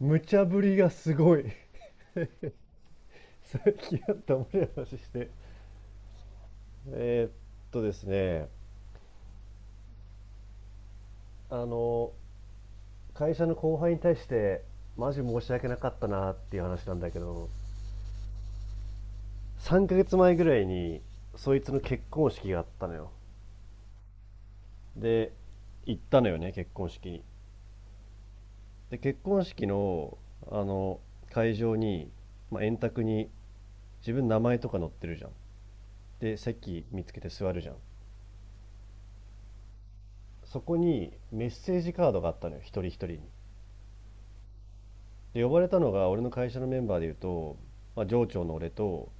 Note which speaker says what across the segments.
Speaker 1: 無茶ぶりがすごい。 さっきあ った面白い話して。えーっとですねあの会社の後輩に対してマジ申し訳なかったなっていう話なんだけど、3ヶ月前ぐらいにそいつの結婚式があったのよ。で、行ったのよね、結婚式に。で、結婚式のあの会場に、まあ、円卓に自分名前とか載ってるじゃん。で、席見つけて座るじゃん。そこにメッセージカードがあったのよ、一人一人に。で、呼ばれたのが俺の会社のメンバーでいうと、まあ、上長の俺と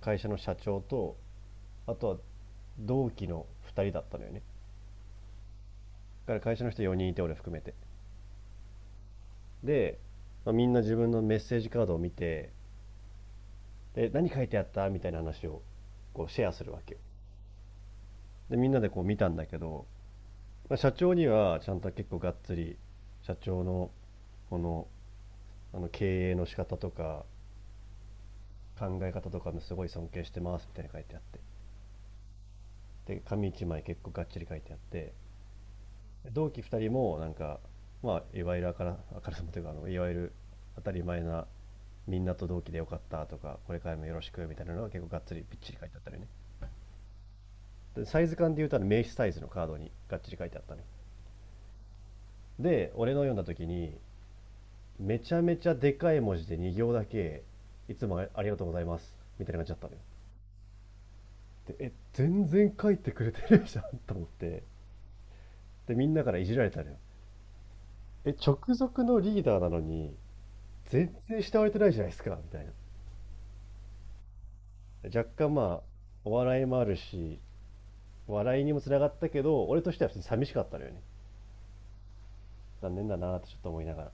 Speaker 1: 会社の社長と、あとは同期の2人だったのよね。だから会社の人4人いて、俺含めて。で、まあ、みんな自分のメッセージカードを見て、で、何書いてあったみたいな話をこうシェアするわけよ。で、みんなでこう見たんだけど、まあ、社長にはちゃんと結構がっつり社長のこのあの経営の仕方とか考え方とかもすごい尊敬してますみたいな書いてあって、で、紙一枚結構がっちり書いてあって。同期2人もなんか、まあ、いわゆるからあさもというかいわゆる当たり前な、みんなと同期でよかったとかこれからもよろしくみたいなのが結構がっつりびっちり書いてあったのよね。でサイズ感で言うと名刺サイズのカードにがっちり書いてあったのよ。で俺の読んだ時に、めちゃめちゃでかい文字で2行だけ、いつもありがとうございますみたいな感じだったのよ。で全然書いてくれてるじゃんと思って。でみんなからいじられたのよ。え、直属のリーダーなのに全然慕われてないじゃないですか、みたいな。若干まあお笑いもあるし笑いにもつながったけど、俺としては普通に寂しかったのよね。残念だなってちょっと思いながら。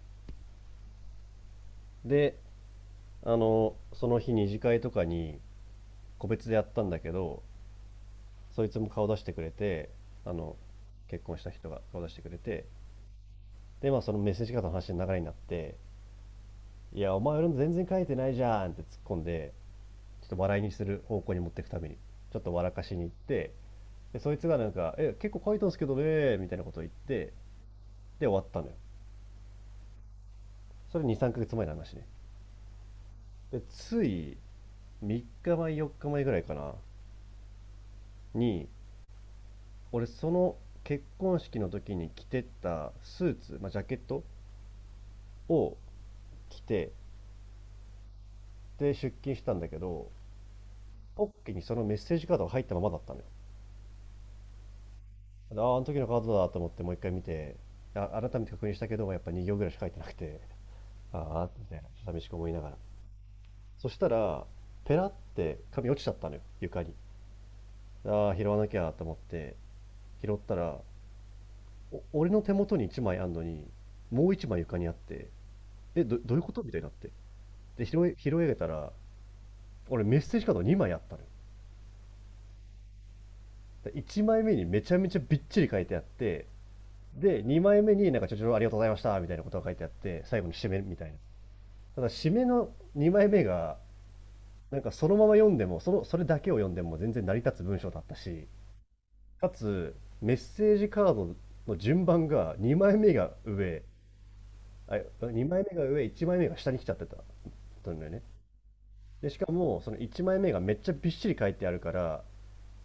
Speaker 1: で、その日二次会とかに個別でやったんだけど、そいつも顔出してくれて、あの結婚した人が顔出してくれて。で、まあそのメッセージカードの話の流れになって、「いやお前俺の全然書いてないじゃん」って突っ込んで、ちょっと笑いにする方向に持っていくためにちょっと笑かしに行って、でそいつがなんか「え結構書いたんですけどね」みたいなことを言って、で終わったのよ。それ23ヶ月前の話ね。でつい3日前4日前ぐらいかなに、俺その結婚式の時に着てったスーツ、まあ、ジャケットを着てで出勤したんだけど、ポッケにそのメッセージカードが入ったままだったのよ。ああ、あの時のカードだと思ってもう一回見て、あ、改めて確認したけどやっぱ2行ぐらいしか書いてなくて、ああ、寂しく思いながら。そしたらペラって紙落ちちゃったのよ床に。ああ、拾わなきゃと思って拾ったら、俺の手元に1枚あんのに、もう一枚床にあって、え、どういうことみたいになって。で、拾い上げたら、俺メッセージカード2枚あったのよ。で1枚目にめちゃめちゃびっちり書いてあって、で、2枚目になんかちょちょありがとうございましたみたいなことが書いてあって、最後に締めみたいな。ただ締めの2枚目が、なんかそのまま読んでも、それだけを読んでも全然成り立つ文章だったし、かつ、メッセージカードの順番が2枚目が上、あ、2枚目が上、1枚目が下に来ちゃってた。とんだよね。で、しかも、その1枚目がめっちゃびっしり書いてあるから、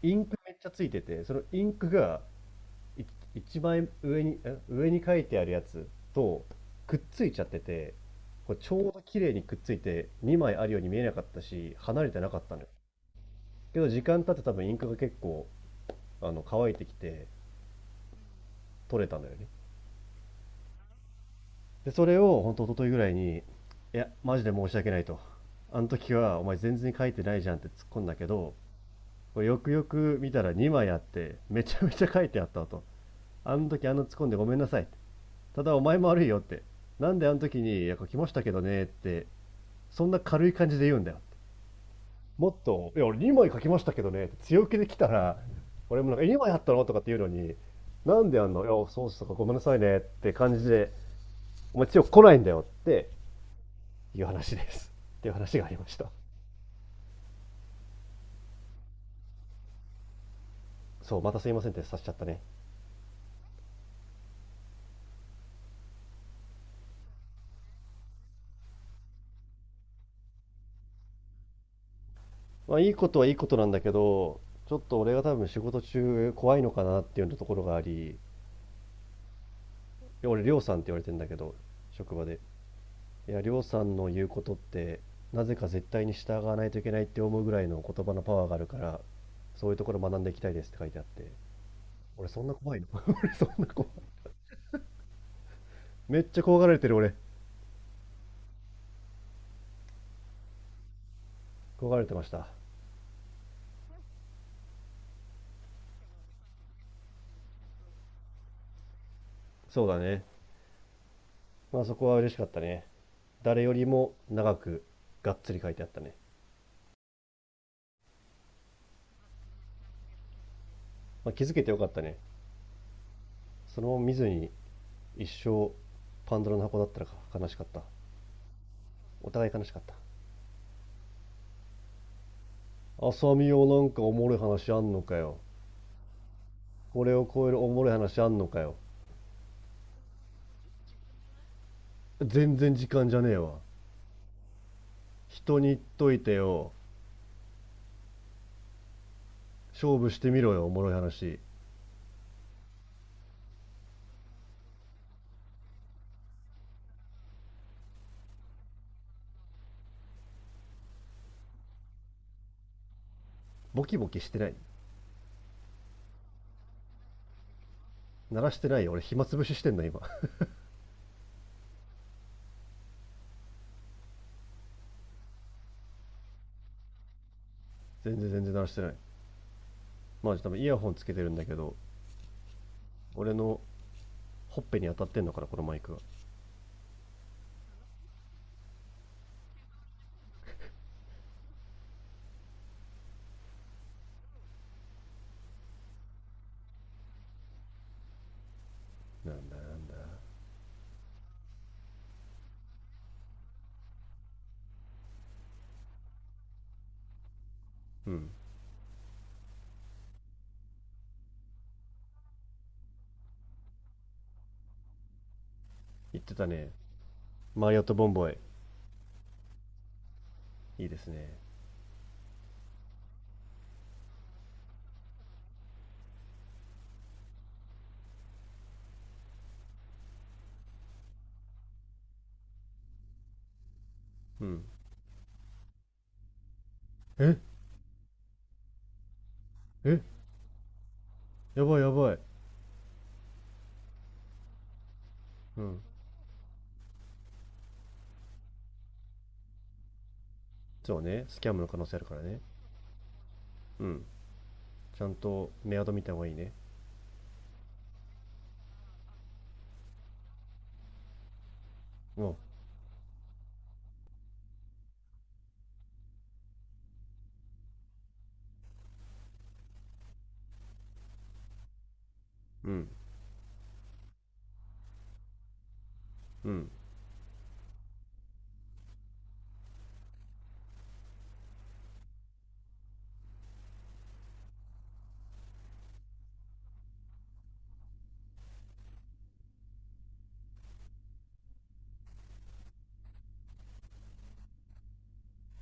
Speaker 1: インクめっちゃついてて、そのインクがい一枚上に、上に書いてあるやつとくっついちゃってて、これちょうど綺麗にくっついて2枚あるように見えなかったし、離れてなかったのよ。けど時間経って多分インクが結構、乾いてきて取れたのよね。で、それを本当一昨日ぐらいに、いや、マジで申し訳ないと。あの時はお前全然書いてないじゃんって突っ込んだけど、これよくよく見たら2枚あってめちゃめちゃ書いてあったと。あの時突っ込んでごめんなさい、ただお前も悪いよって、なんであの時に書きましたけどねって、そんな軽い感じで言うんだよ。もっと「いや俺2枚書きましたけどね」って強気で来たら、俺もなんか「え2枚あったの?」とかって言うのに、「なんであんのいやそうっすとかごめんなさいね」って感じで、「お前強く来ないんだよ」っていう話ですっていう話がありました。そうまたすいませんってさしちゃったね。まあ、いいことはいいことなんだけど、ちょっと俺が多分仕事中怖いのかなっていうところがあり、いや俺、りょうさんって言われてんだけど、職場で。いや、りょうさんの言うことって、なぜか絶対に従わないといけないって思うぐらいの言葉のパワーがあるから、そういうところ学んでいきたいですって書いてあって。俺、そんな怖いの。 俺、そんな怖い。めっちゃ怖がられてる、俺。怖がられてました。そうだね。まあ、そこは嬉しかったね。誰よりも長く、がっつり書いてあったね。まあ、気づけてよかったね。そのまま見ずに一生パンドラの箱だったらか悲しかった。お互い悲しかった。浅見よ、なんかおもろい話あんのかよ。これを超えるおもろい話あんのかよ。全然時間じゃねえわ。人に言っといてよ。勝負してみろよ、おもろい話。ボキボキしてない。鳴らしてないよ。俺暇つぶししてんの今。 全然全然鳴らしてない。まあ多分イヤホンつけてるんだけど、俺のほっぺに当たってんのかな、このマイクは。なんだなんだ。うん、言ってたね。マリオットボンボイ、いいですね。うん、ええ、やばいやばい。うん。そうね、スキャンムの可能性あるからね。うん。ちゃんとメアド見た方がいいね。おう。うん。うん。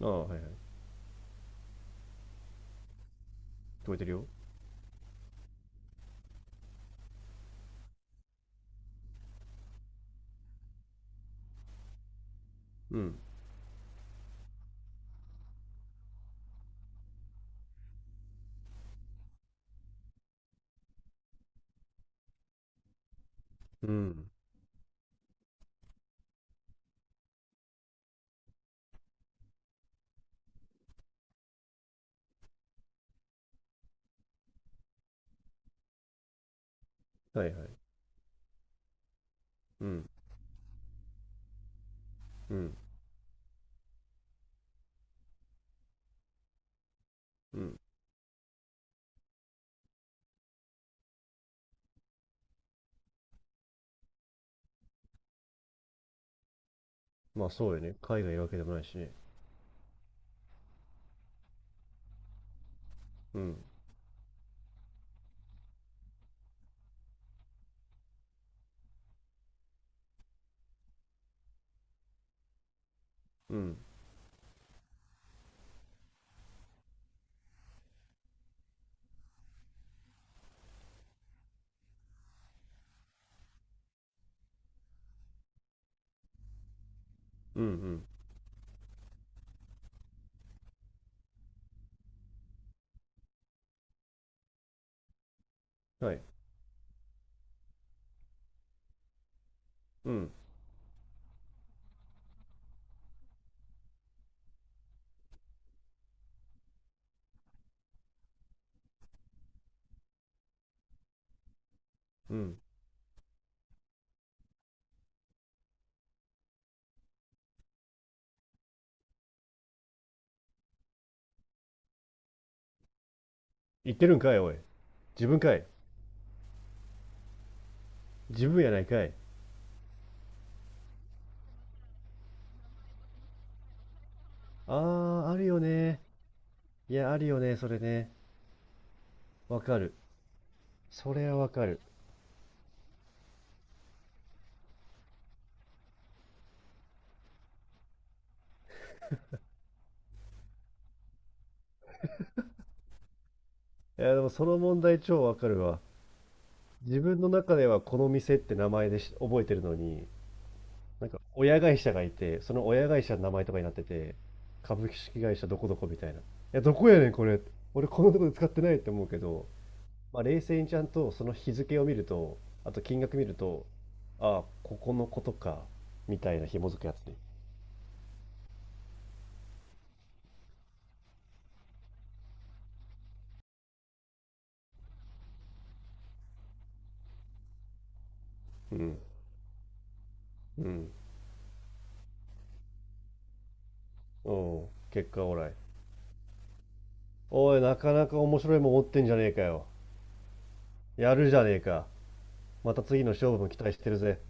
Speaker 1: ああ、はいはい。聞こえてるよ。うん。うん。はいはい。うん。うん。うん。まあそうよね。海外いるわけでもないしね。うん。うん。うん。うん。はい。うん。うん。言ってるんかい、おい。自分かい。自分やないかい。ああ、あるよね。いや、あるよね、それね。わかる。それはわかる。いや、でもその問題超わかるわ。自分の中ではこの店って名前でし覚えてるのに、なんか親会社がいて、その親会社の名前とかになってて、株式会社どこどこみたいな。いや、どこやねん、これ。俺このとこで使ってないって思うけど、まあ、冷静にちゃんとその日付を見ると、あと金額見ると、ああ、ここのことか、みたいな紐づくやつね。うん、うん、おう結果オーライ。おい、なかなか面白いもん持ってんじゃねえかよ。やるじゃねえか。また次の勝負も期待してるぜ。